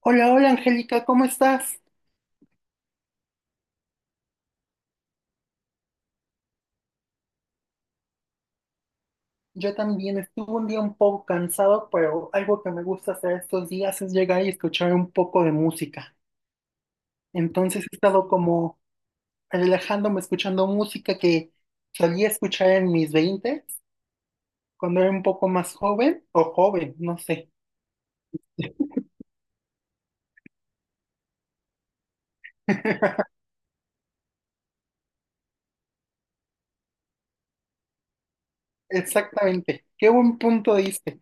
Hola, hola Angélica, ¿cómo estás? Yo también estuve un día un poco cansado, pero algo que me gusta hacer estos días es llegar y escuchar un poco de música. Entonces he estado como relajándome escuchando música que solía escuchar en mis 20, cuando era un poco más joven, o joven, no sé. Exactamente. Qué buen punto diste.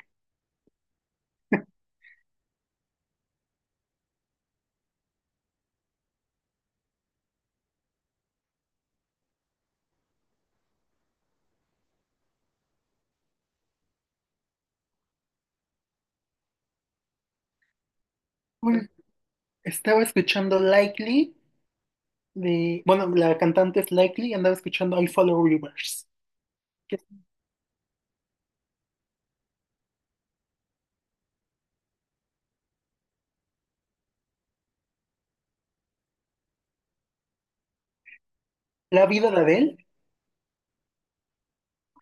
Un- Estaba escuchando Likely de, bueno, la cantante es Likely y andaba escuchando I Follow Rivers, que es... La vida de Adele.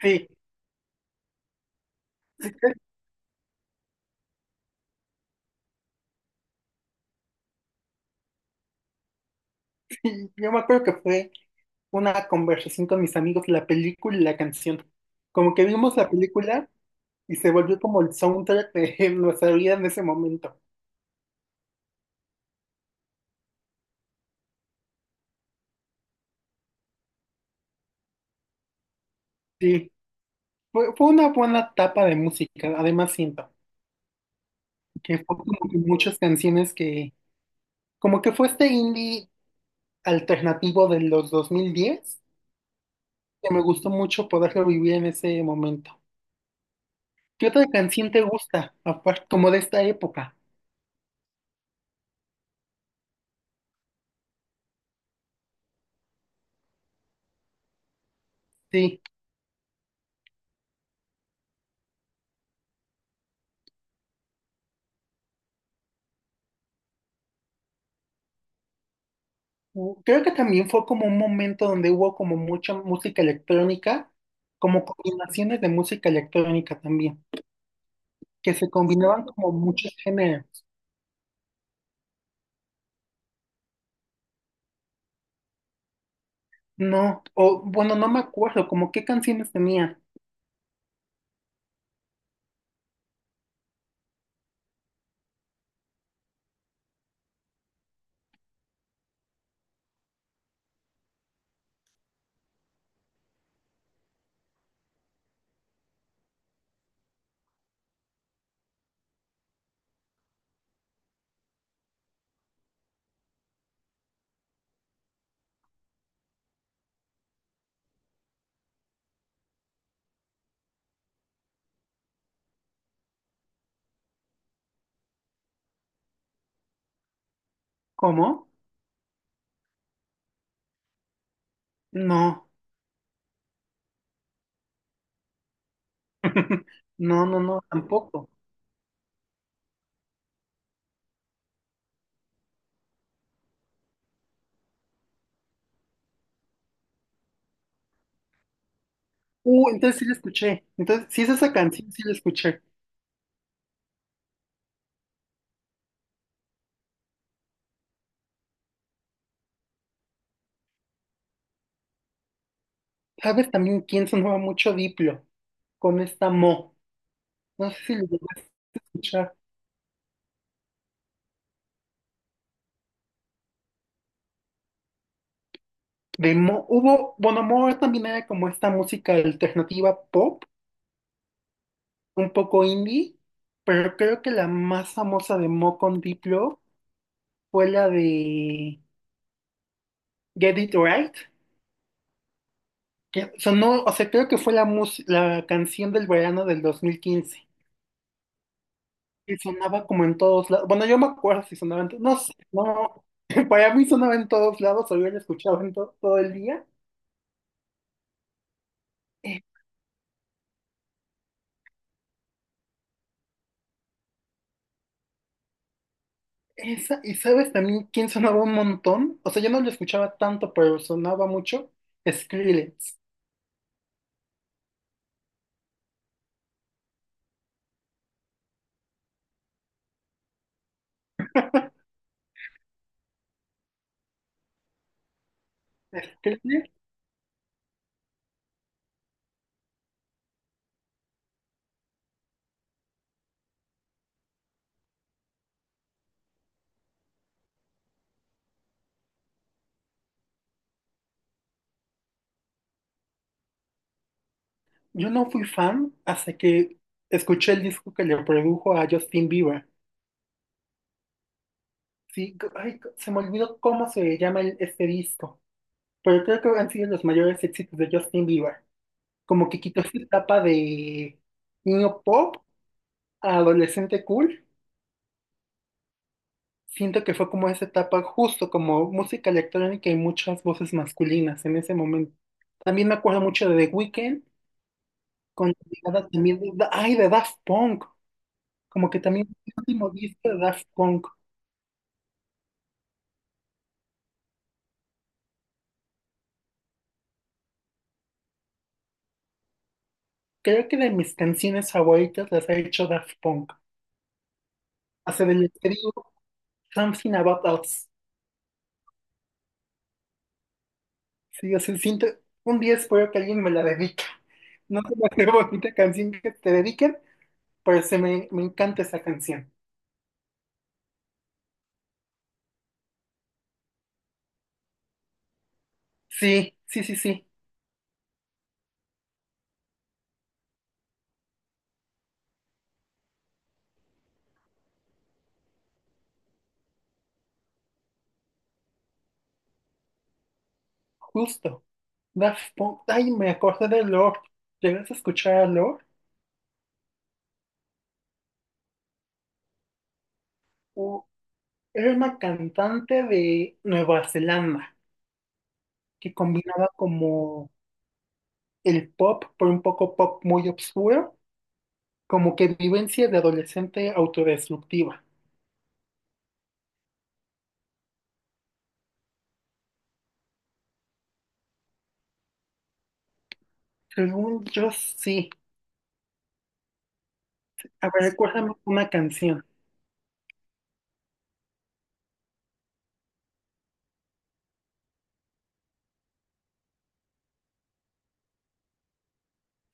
Sí. Sí, yo me acuerdo que fue una conversación con mis amigos, la película y la canción. Como que vimos la película y se volvió como el soundtrack de nuestra vida en ese momento. Sí, fue una buena etapa de música. Además, siento que fue como que muchas canciones que, como que fue este indie alternativo de los 2010, que me gustó mucho poderlo vivir en ese momento. ¿Qué otra canción te gusta, aparte, como de esta época? Sí. Creo que también fue como un momento donde hubo como mucha música electrónica, como combinaciones de música electrónica también, que se combinaban como muchos géneros. No, o bueno, no me acuerdo, como qué canciones tenía. ¿Cómo? No, no, no, no, tampoco. Entonces sí la escuché. Entonces, sí es esa canción, sí la escuché. ¿Sabes también quién sonaba mucho? Diplo, con esta Mo. No sé si lo llegaste a escuchar. Hubo, bueno, Moore también era como esta música alternativa pop, un poco indie, pero creo que la más famosa de Mo con Diplo fue la de Get It Right, que sonó, o sea, creo que fue la, la canción del verano del 2015, y sonaba como en todos lados. Bueno, yo me acuerdo si sonaba en todos, no sé, no. Para mí sonaba en todos lados, o yo la escuchaba en todo el día. Esa, y sabes también quién sonaba un montón, o sea, yo no lo escuchaba tanto, pero sonaba mucho, Skrillex. Skrillex, yo no fui fan hasta que escuché el disco que le produjo a Justin Bieber. Sí, ay, se me olvidó cómo se llama este disco, pero creo que han sido los mayores éxitos de Justin Bieber. Como que quitó esa etapa de niño pop a adolescente cool. Siento que fue como esa etapa, justo como música electrónica y muchas voces masculinas en ese momento. También me acuerdo mucho de The Weeknd, con la llegada también de, ay, de Daft Punk, como que también el último disco de Daft Punk. Creo que de mis canciones favoritas las ha hecho Daft Punk. Hace del escribo Something About Us. Sí, o sea, siento, un día espero que alguien me la dedique. No sé la qué bonita canción que te dediquen, pero me encanta esa canción. Sí, sí, sí, sí, justo. Daft Punk. Ay, me acordé de Lord. ¿Llegas a escuchar a Lord? U- Era una cantante de Nueva Zelanda que combinaba como el pop, pero un poco pop muy obscuro, como que vivencia de adolescente autodestructiva. Según yo, sí. A ver, recuérdame una canción.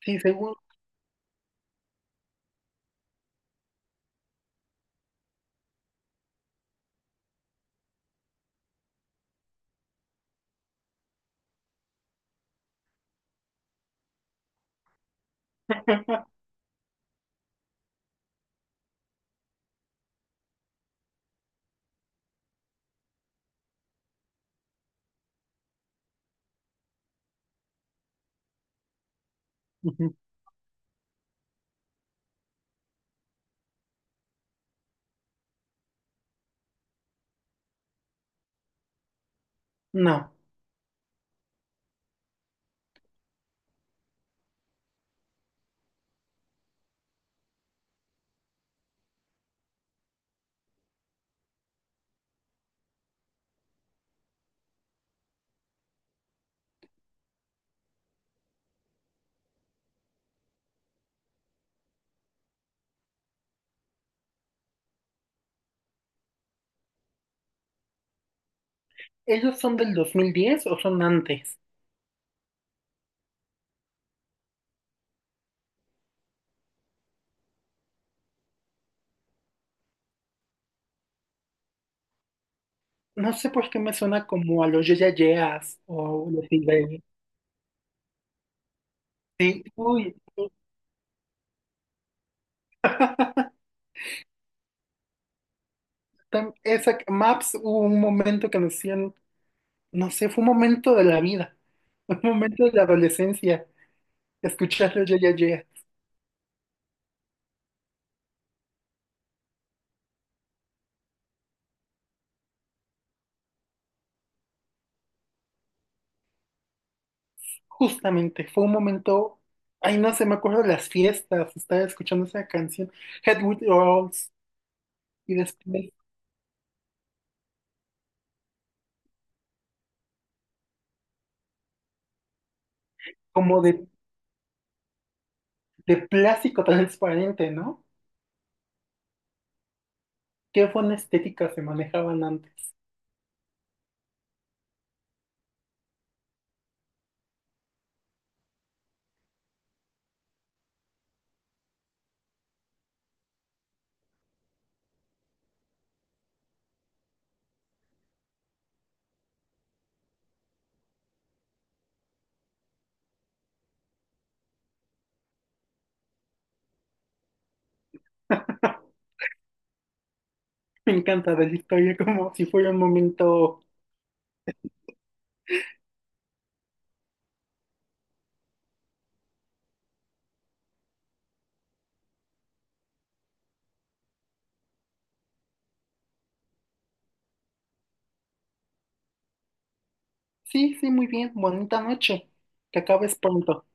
Sí, según. Ujú. No. ¿Ellos son del 2010 o son antes? No sé por qué me suena como a los Yeya Yeas o los Silverio. Sí, uy, esa, Maps, hubo un momento que nos hacían, no sé, fue un momento de la vida, un momento de la adolescencia, escucharlo ya, ya, ya. Justamente, fue un momento, ay, no sé, me acuerdo de las fiestas, estaba escuchando esa canción, Head with Rolls, y después como de plástico transparente, ¿no? Qué buena estética se manejaban antes. Me encanta de la historia, como si fuera un momento, sí, sí, muy bien, bonita noche, que acabes pronto.